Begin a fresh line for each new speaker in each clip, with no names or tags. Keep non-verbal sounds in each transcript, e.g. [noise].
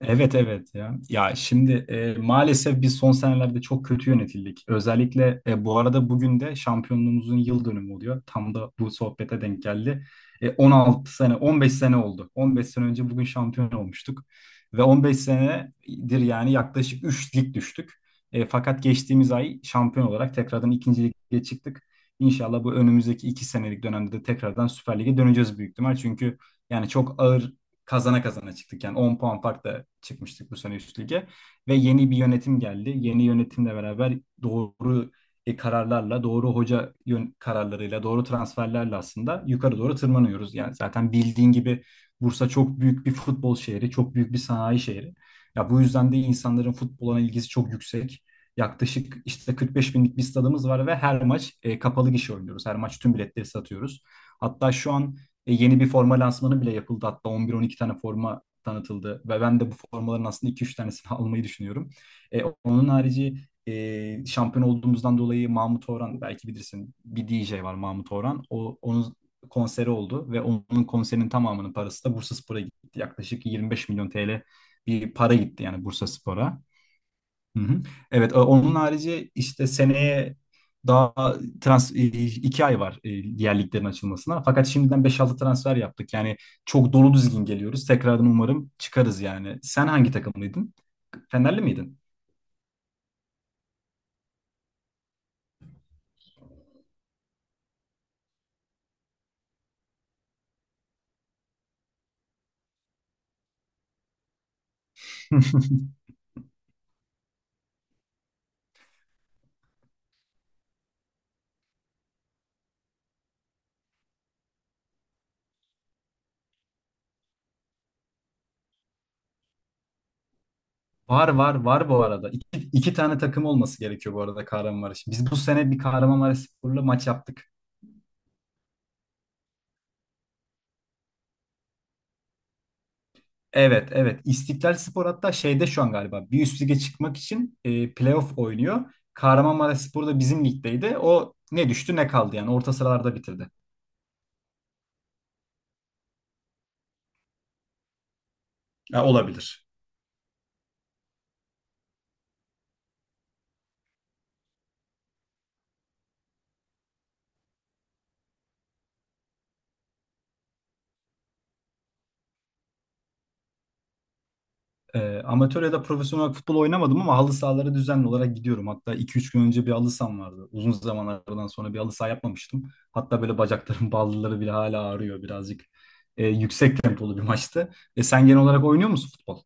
Evet evet ya. Ya şimdi maalesef biz son senelerde çok kötü yönetildik. Özellikle bu arada bugün de şampiyonluğumuzun yıl dönümü oluyor. Tam da bu sohbete denk geldi. 16 sene, 15 sene oldu. 15 sene önce bugün şampiyon olmuştuk. Ve 15 senedir yani yaklaşık 3 lig düştük. Fakat geçtiğimiz ay şampiyon olarak tekrardan ikinci lige çıktık. İnşallah bu önümüzdeki 2 senelik dönemde de tekrardan Süper Lig'e döneceğiz büyük ihtimal. Çünkü yani çok ağır kazana kazana çıktık. Yani 10 puan farkla çıkmıştık bu sene üst lige. Ve yeni bir yönetim geldi. Yeni yönetimle beraber doğru kararlarla, doğru hoca yön kararlarıyla, doğru transferlerle aslında yukarı doğru tırmanıyoruz. Yani zaten bildiğin gibi Bursa çok büyük bir futbol şehri, çok büyük bir sanayi şehri. Ya bu yüzden de insanların futbola ilgisi çok yüksek. Yaklaşık işte 45 binlik bir stadımız var ve her maç kapalı gişe oynuyoruz. Her maç tüm biletleri satıyoruz. Hatta şu an yeni bir forma lansmanı bile yapıldı. Hatta 11-12 tane forma tanıtıldı. Ve ben de bu formaların aslında iki üç tanesini [laughs] almayı düşünüyorum. Onun harici şampiyon olduğumuzdan dolayı Mahmut Orhan belki bilirsin bir DJ var Mahmut Orhan. Onun konseri oldu ve onun konserinin tamamının parası da Bursaspor'a gitti. Yaklaşık 25 milyon TL bir para gitti yani Bursaspor'a. Hı hı. Evet, onun harici işte seneye daha trans e, iki ay var, diğer liglerin açılmasına. Fakat şimdiden beş 6 transfer yaptık. Yani çok dolu düzgün geliyoruz. Tekrardan umarım çıkarız yani. Sen hangi takımlıydın? Fenerli miydin? [laughs] Var var var bu arada. İki tane takım olması gerekiyor bu arada Kahramanmaraş. Biz bu sene bir Kahramanmaraşspor'la maç yaptık. Evet, evet. İstiklal Spor hatta şeyde şu an galiba bir üst lige çıkmak için playoff oynuyor. Kahramanmaraş Spor da bizim ligdeydi. O ne düştü ne kaldı yani orta sıralarda bitirdi. Ya olabilir. Amatör ya da profesyonel futbol oynamadım ama halı sahalara düzenli olarak gidiyorum. Hatta iki üç gün önce bir halı saham vardı. Uzun zamanlardan sonra bir halı saha yapmamıştım. Hatta böyle bacaklarım [laughs] bağlıları bile hala ağrıyor birazcık. Yüksek tempolu bir maçtı. Sen genel olarak oynuyor musun futbol?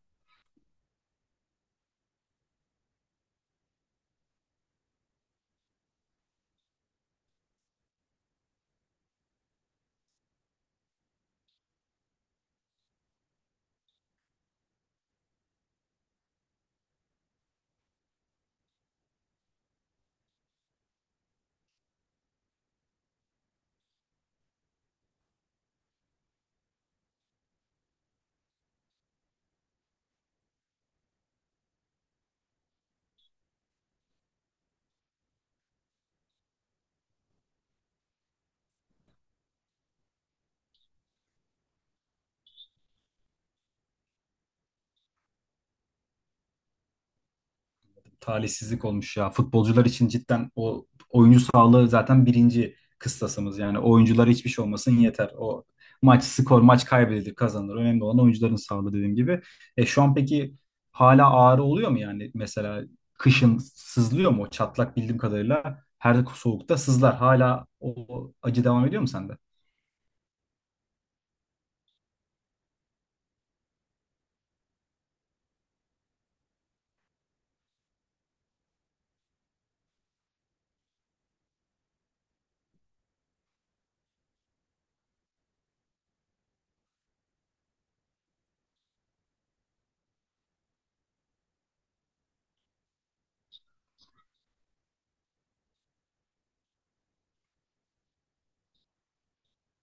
Talihsizlik olmuş ya. Futbolcular için cidden o oyuncu sağlığı zaten birinci kıstasımız. Yani oyunculara hiçbir şey olmasın yeter. O maç skor, maç kaybedilir, kazanılır. Önemli olan oyuncuların sağlığı dediğim gibi. Şu an peki hala ağrı oluyor mu yani? Mesela kışın sızlıyor mu? O çatlak bildiğim kadarıyla her soğukta sızlar. Hala o acı devam ediyor mu sende?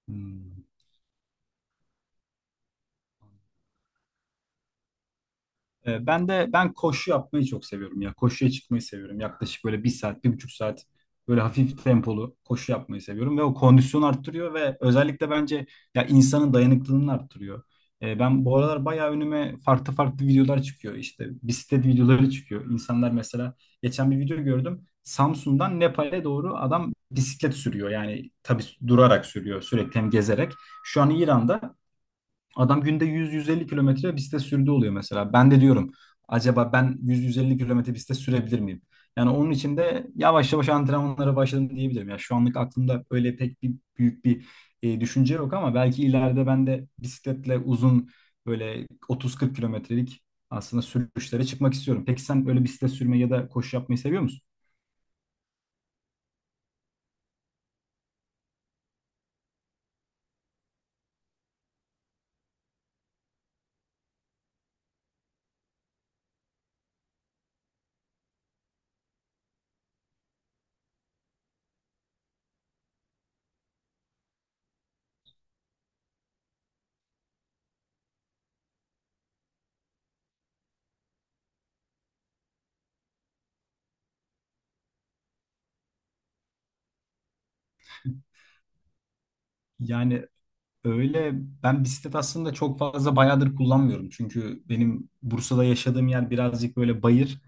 Hmm. Ben de koşu yapmayı çok seviyorum ya. Koşuya çıkmayı seviyorum. Yaklaşık böyle bir saat, bir buçuk saat böyle hafif tempolu koşu yapmayı seviyorum ve o kondisyonu arttırıyor ve özellikle bence ya insanın dayanıklılığını arttırıyor. Ben bu aralar bayağı önüme farklı farklı videolar çıkıyor. İşte bisiklet videoları çıkıyor. İnsanlar mesela geçen bir video gördüm. Samsun'dan Nepal'e doğru adam bisiklet sürüyor. Yani tabii durarak sürüyor sürekli hem gezerek. Şu an İran'da adam günde 100-150 kilometre bisiklet sürdüğü oluyor mesela. Ben de diyorum acaba ben 100-150 kilometre bisiklet sürebilir miyim? Yani onun için de yavaş yavaş antrenmanlara başladım diyebilirim. Ya şu anlık aklımda öyle pek bir büyük bir düşünce yok ama belki ileride ben de bisikletle uzun böyle 30-40 kilometrelik aslında sürüşlere çıkmak istiyorum. Peki sen öyle bisiklet sürmeyi ya da koşu yapmayı seviyor musun? Yani öyle ben bisiklet aslında çok fazla bayağıdır kullanmıyorum. Çünkü benim Bursa'da yaşadığım yer birazcık böyle bayır.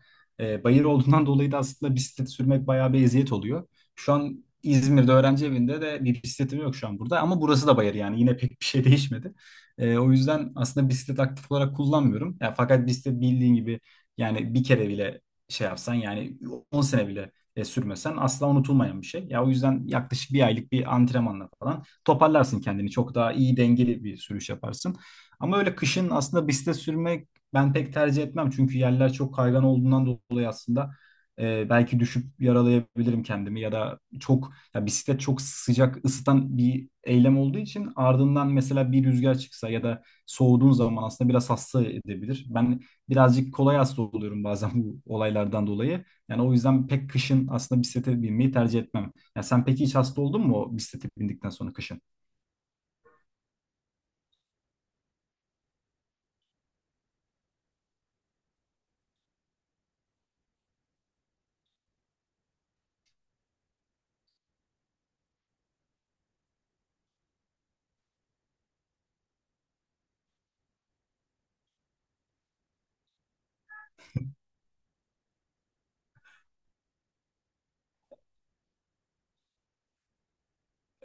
Bayır olduğundan [laughs] dolayı da aslında bisiklet sürmek bayağı bir eziyet oluyor. Şu an İzmir'de öğrenci evinde de bir bisikletim yok şu an burada ama burası da bayır yani yine pek bir şey [laughs] değişmedi. O yüzden aslında bisiklet aktif olarak kullanmıyorum. Ya, fakat bisiklet bildiğin gibi yani bir kere bile şey yapsan yani 10 sene bile sürmesen asla unutulmayan bir şey. Ya o yüzden yaklaşık bir aylık bir antrenmanla falan toparlarsın kendini. Çok daha iyi dengeli bir sürüş yaparsın. Ama öyle kışın aslında bisiklete sürmek ben pek tercih etmem. Çünkü yerler çok kaygan olduğundan dolayı aslında belki düşüp yaralayabilirim kendimi ya da çok ya bisiklet çok sıcak ısıtan bir eylem olduğu için ardından mesela bir rüzgar çıksa ya da soğuduğun zaman aslında biraz hasta edebilir. Ben birazcık kolay hasta oluyorum bazen bu olaylardan dolayı. Yani o yüzden pek kışın aslında bisiklete binmeyi tercih etmem. Ya sen peki hiç hasta oldun mu o bisiklete bindikten sonra kışın?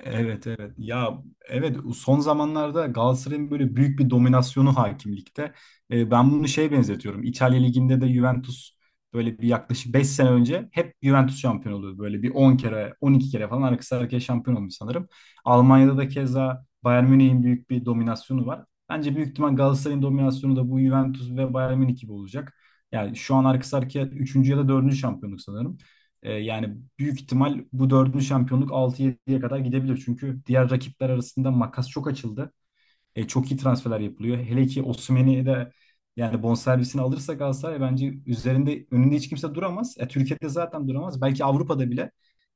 Evet evet ya, evet, son zamanlarda Galatasaray'ın böyle büyük bir dominasyonu hakimlikte. Ben bunu şeye benzetiyorum. İtalya Ligi'nde de Juventus böyle bir yaklaşık 5 sene önce hep Juventus şampiyon oluyordu. Böyle bir 10 kere 12 kere falan arkası arkaya şampiyon olmuş sanırım. Almanya'da da keza Bayern Münih'in büyük bir dominasyonu var. Bence büyük ihtimal Galatasaray'ın dominasyonu da bu Juventus ve Bayern Münih gibi olacak. Yani şu an arkası arkaya 3. ya da dördüncü şampiyonluk sanırım. Yani büyük ihtimal bu dördüncü şampiyonluk altı yediye kadar gidebilir. Çünkü diğer rakipler arasında makas çok açıldı. Çok iyi transferler yapılıyor. Hele ki Osimhen'i de yani bonservisini alırsa Galatasaray bence üzerinde önünde hiç kimse duramaz. Türkiye'de zaten duramaz. Belki Avrupa'da bile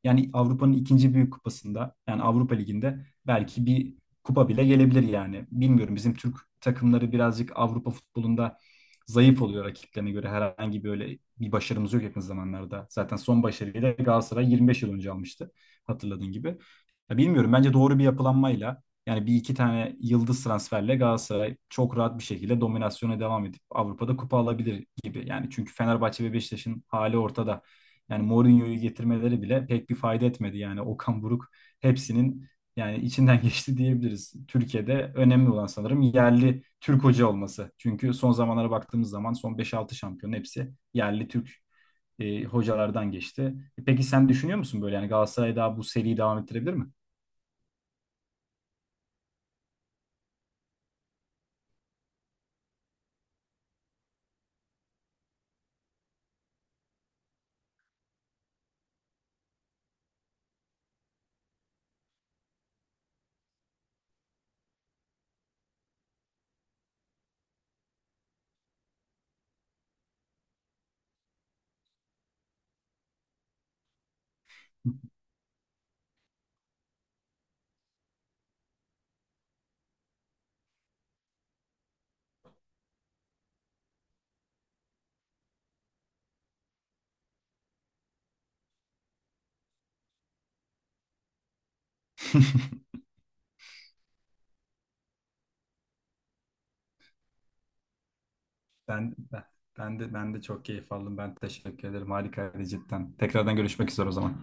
yani Avrupa'nın ikinci büyük kupasında yani Avrupa Ligi'nde belki bir kupa bile gelebilir yani. Bilmiyorum bizim Türk takımları birazcık Avrupa futbolunda zayıf oluyor rakiplerine göre. Herhangi böyle bir başarımız yok yakın zamanlarda. Zaten son başarıyı da Galatasaray 25 yıl önce almıştı hatırladığın gibi. Ya bilmiyorum bence doğru bir yapılanmayla yani bir iki tane yıldız transferle Galatasaray çok rahat bir şekilde dominasyona devam edip Avrupa'da kupa alabilir gibi. Yani çünkü Fenerbahçe ve Beşiktaş'ın hali ortada. Yani Mourinho'yu getirmeleri bile pek bir fayda etmedi. Yani Okan Buruk hepsinin yani içinden [laughs] geçti diyebiliriz. Türkiye'de önemli olan sanırım yerli Türk hoca olması. Çünkü son zamanlara baktığımız zaman son beş altı şampiyonun hepsi yerli Türk hocalardan geçti. Peki sen düşünüyor musun böyle yani Galatasaray daha bu seriyi devam ettirebilir mi? [laughs] Ben, ben, ben de çok keyif aldım. Ben teşekkür ederim. Harikaydı cidden. Tekrardan görüşmek üzere o zaman.